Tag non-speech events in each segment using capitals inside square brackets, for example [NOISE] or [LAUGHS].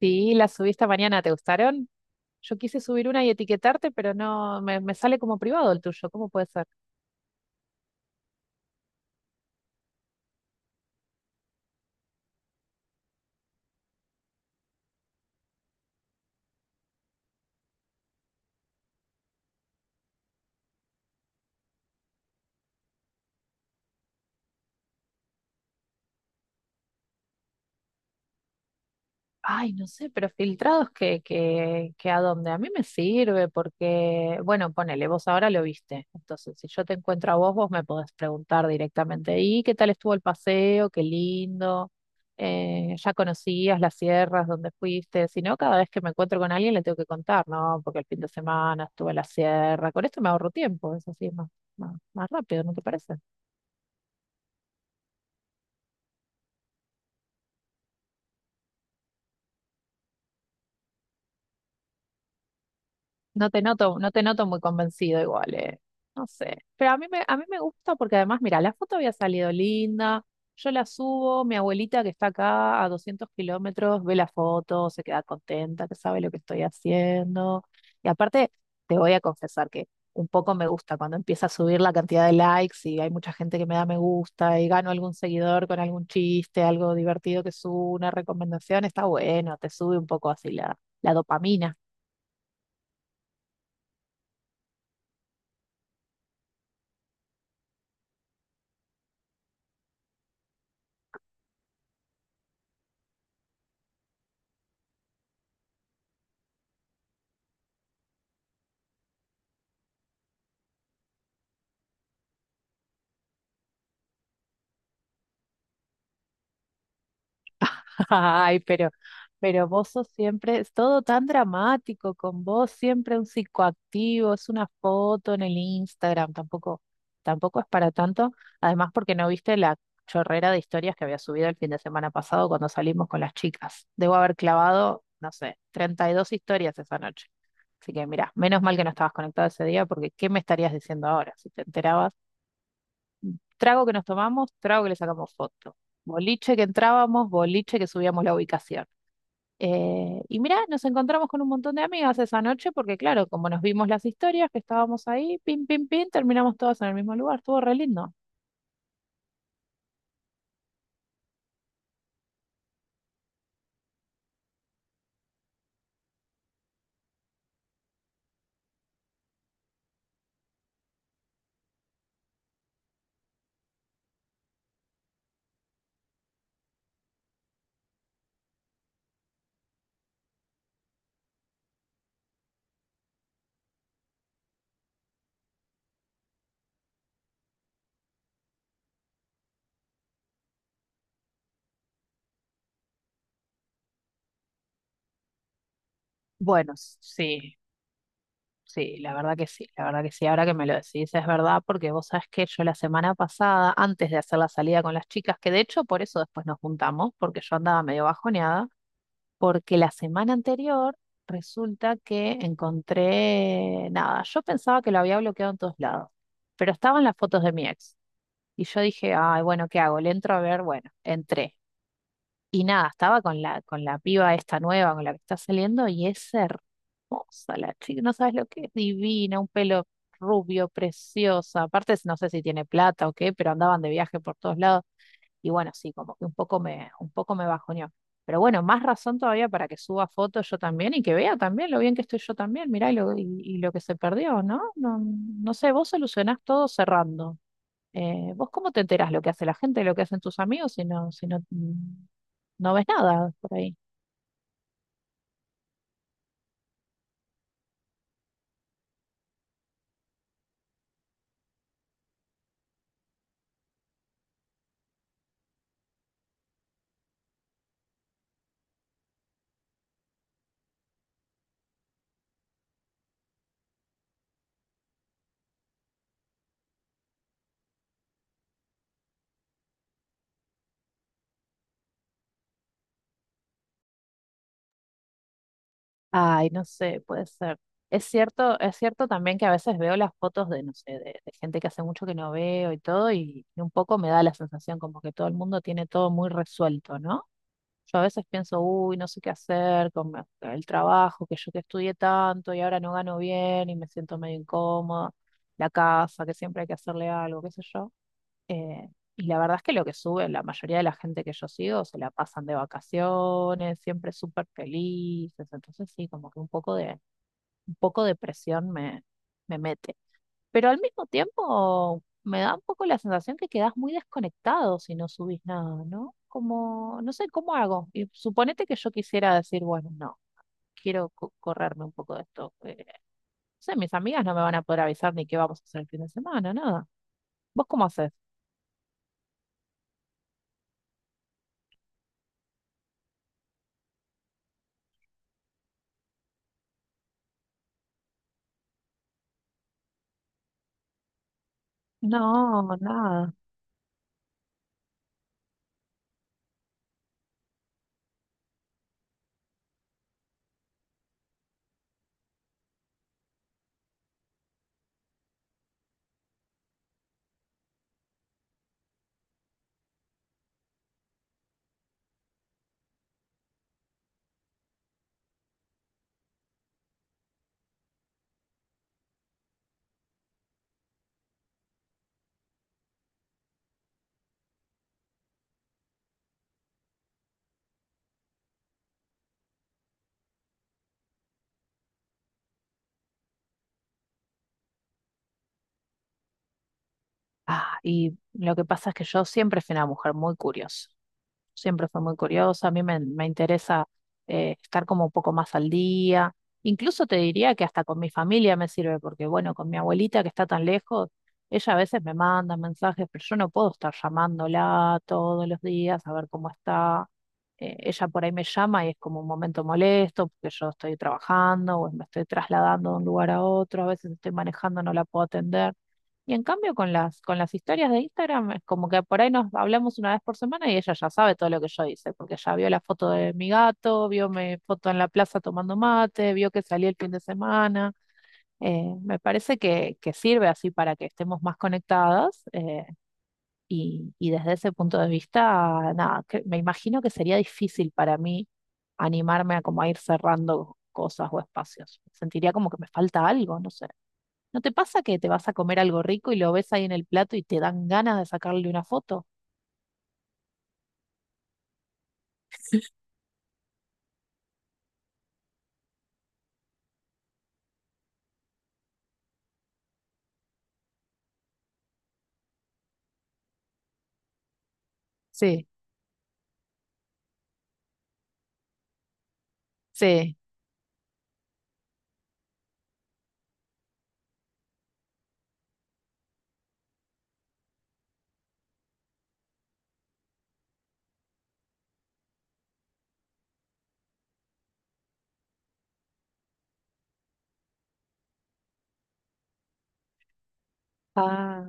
Sí, las subí esta mañana, ¿te gustaron? Yo quise subir una y etiquetarte, pero no, me sale como privado el tuyo, ¿cómo puede ser? Ay, no sé, pero filtrados que a dónde. A mí me sirve porque, bueno, ponele, vos ahora lo viste. Entonces, si yo te encuentro a vos, vos me podés preguntar directamente, ¿y qué tal estuvo el paseo? Qué lindo. ¿Ya conocías las sierras donde fuiste? Si no, cada vez que me encuentro con alguien le tengo que contar, ¿no? Porque el fin de semana estuve en la sierra. Con esto me ahorro tiempo, eso sí, es más rápido, ¿no te parece? No te noto muy convencido igual. No sé. Pero a mí me gusta porque además, mira, la foto había salido linda. Yo la subo, mi abuelita que está acá a 200 km ve la foto, se queda contenta, que sabe lo que estoy haciendo. Y aparte, te voy a confesar que un poco me gusta cuando empieza a subir la cantidad de likes y hay mucha gente que me da me gusta y gano algún seguidor con algún chiste, algo divertido que subo, una recomendación, está bueno, te sube un poco así la dopamina. Ay, pero vos sos siempre, es todo tan dramático con vos, siempre un psicoactivo, es una foto en el Instagram, tampoco es para tanto. Además, porque no viste la chorrera de historias que había subido el fin de semana pasado cuando salimos con las chicas. Debo haber clavado, no sé, 32 historias esa noche. Así que mira, menos mal que no estabas conectado ese día, porque ¿qué me estarías diciendo ahora si te enterabas? Trago que nos tomamos, trago que le sacamos foto. Boliche que entrábamos, boliche que subíamos la ubicación. Y mirá, nos encontramos con un montón de amigas esa noche porque, claro, como nos vimos las historias que estábamos ahí, pim, pim, pim, terminamos todas en el mismo lugar. Estuvo re lindo. Bueno, sí, sí, la verdad que sí, la verdad que sí. Ahora que me lo decís, es verdad porque vos sabés que yo la semana pasada, antes de hacer la salida con las chicas, que de hecho por eso después nos juntamos, porque yo andaba medio bajoneada, porque la semana anterior resulta que encontré, nada, yo pensaba que lo había bloqueado en todos lados, pero estaban las fotos de mi ex. Y yo dije, ay, bueno, ¿qué hago? Le entro a ver, bueno, entré. Y nada, estaba con la piba esta nueva, con la que está saliendo, y es hermosa la chica, no sabes lo que es, divina, un pelo rubio, preciosa. Aparte, no sé si tiene plata o qué, pero andaban de viaje por todos lados. Y bueno, sí, como que un poco me bajoneó. Pero bueno, más razón todavía para que suba fotos yo también y que vea también lo bien que estoy yo también. Mirá, y lo que se perdió, ¿no? No, no sé, vos solucionás todo cerrando. ¿Vos cómo te enterás lo que hace la gente, lo que hacen tus amigos si no, no ves nada por ahí? Ay, no sé, puede ser. Es cierto también que a veces veo las fotos de, no sé, de gente que hace mucho que no veo y todo, y un poco me da la sensación como que todo el mundo tiene todo muy resuelto, ¿no? Yo a veces pienso, uy, no sé qué hacer con el trabajo, que yo que estudié tanto y ahora no gano bien y me siento medio incómoda, la casa, que siempre hay que hacerle algo, qué sé yo. Eh, y la verdad es que lo que sube, la mayoría de la gente que yo sigo se la pasan de vacaciones, siempre súper felices. Entonces sí, como que un poco de presión me mete. Pero al mismo tiempo me da un poco la sensación que quedás muy desconectado si no subís nada, ¿no? Como, no sé, ¿cómo hago? Y suponete que yo quisiera decir, bueno, no, quiero correrme un poco de esto. No sé, mis amigas no me van a poder avisar ni qué vamos a hacer el fin de semana, nada. ¿Vos cómo haces? No, nada. Ah, y lo que pasa es que yo siempre fui una mujer muy curiosa, siempre fui muy curiosa, a mí me interesa estar como un poco más al día, incluso te diría que hasta con mi familia me sirve, porque bueno, con mi abuelita que está tan lejos, ella a veces me manda mensajes, pero yo no puedo estar llamándola todos los días a ver cómo está. Ella por ahí me llama y es como un momento molesto, porque yo estoy trabajando o me estoy trasladando de un lugar a otro, a veces estoy manejando, no la puedo atender. Y en cambio con las historias de Instagram es como que por ahí nos hablamos una vez por semana y ella ya sabe todo lo que yo hice, porque ya vio la foto de mi gato, vio mi foto en la plaza tomando mate, vio que salí el fin de semana. Me parece que sirve así para que estemos más conectadas, y desde ese punto de vista, nada, me imagino que sería difícil para mí animarme a como a ir cerrando cosas o espacios. Sentiría como que me falta algo, no sé. ¿No te pasa que te vas a comer algo rico y lo ves ahí en el plato y te dan ganas de sacarle una foto? [LAUGHS] Sí, sí. Ah,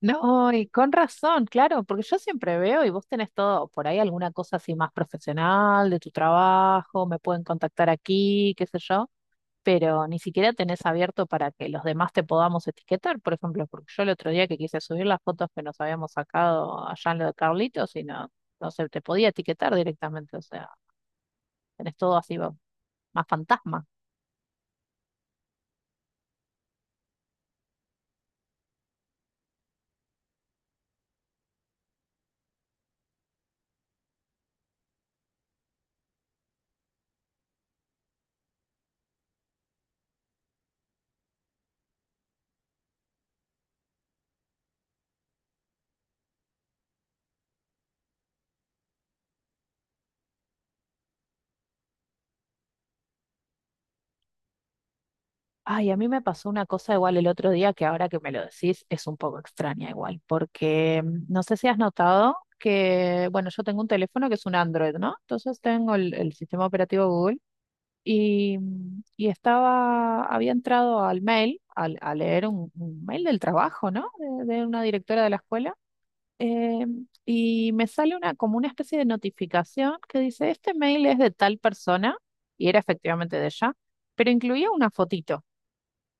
no, y con razón, claro, porque yo siempre veo y vos tenés todo, por ahí alguna cosa así más profesional de tu trabajo, me pueden contactar aquí, qué sé yo, pero ni siquiera tenés abierto para que los demás te podamos etiquetar, por ejemplo, porque yo el otro día que quise subir las fotos que nos habíamos sacado allá en lo de Carlitos y no, no se te podía etiquetar directamente, o sea, tenés todo así más fantasma. Ay, a mí me pasó una cosa igual el otro día que ahora que me lo decís es un poco extraña igual, porque no sé si has notado que, bueno, yo tengo un teléfono que es un Android, ¿no? Entonces tengo el sistema operativo Google y estaba, había entrado al mail, a leer un mail del trabajo, ¿no? De una directora de la escuela. eh, y me sale como una especie de notificación que dice, este mail es de tal persona, y era efectivamente de ella, pero incluía una fotito.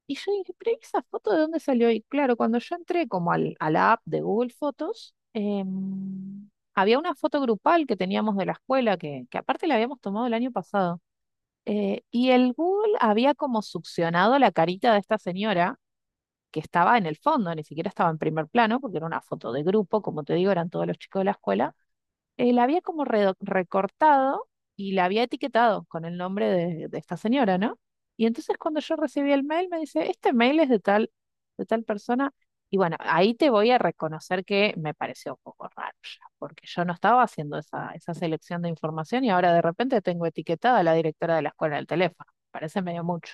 Y yo dije, pero ¿esa foto de dónde salió? Y claro, cuando yo entré como a la app de Google Fotos, había una foto grupal que teníamos de la escuela, que aparte la habíamos tomado el año pasado. Y el Google había como succionado la carita de esta señora que estaba en el fondo, ni siquiera estaba en primer plano, porque era una foto de grupo, como te digo, eran todos los chicos de la escuela. La había como recortado y la había etiquetado con el nombre de esta señora, ¿no? Y entonces cuando yo recibí el mail me dice, este mail es de tal persona. Y bueno, ahí te voy a reconocer que me pareció un poco raro ya, porque yo no estaba haciendo esa selección de información y ahora de repente tengo etiquetada a la directora de la escuela del teléfono. Parece medio mucho.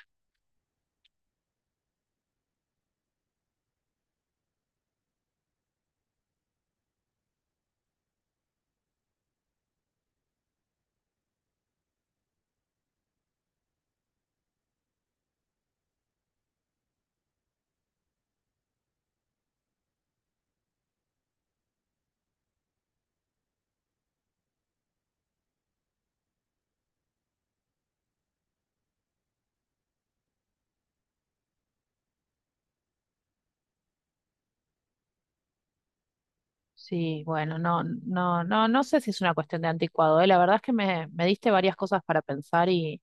Sí, bueno, no, no, no, no sé si es una cuestión de anticuado, ¿eh? La verdad es que me diste varias cosas para pensar. Y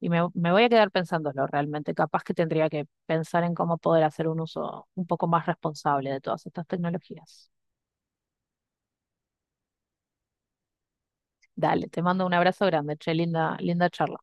me voy a quedar pensándolo realmente. Capaz que tendría que pensar en cómo poder hacer un uso un poco más responsable de todas estas tecnologías. Dale, te mando un abrazo grande, che, linda, linda charla.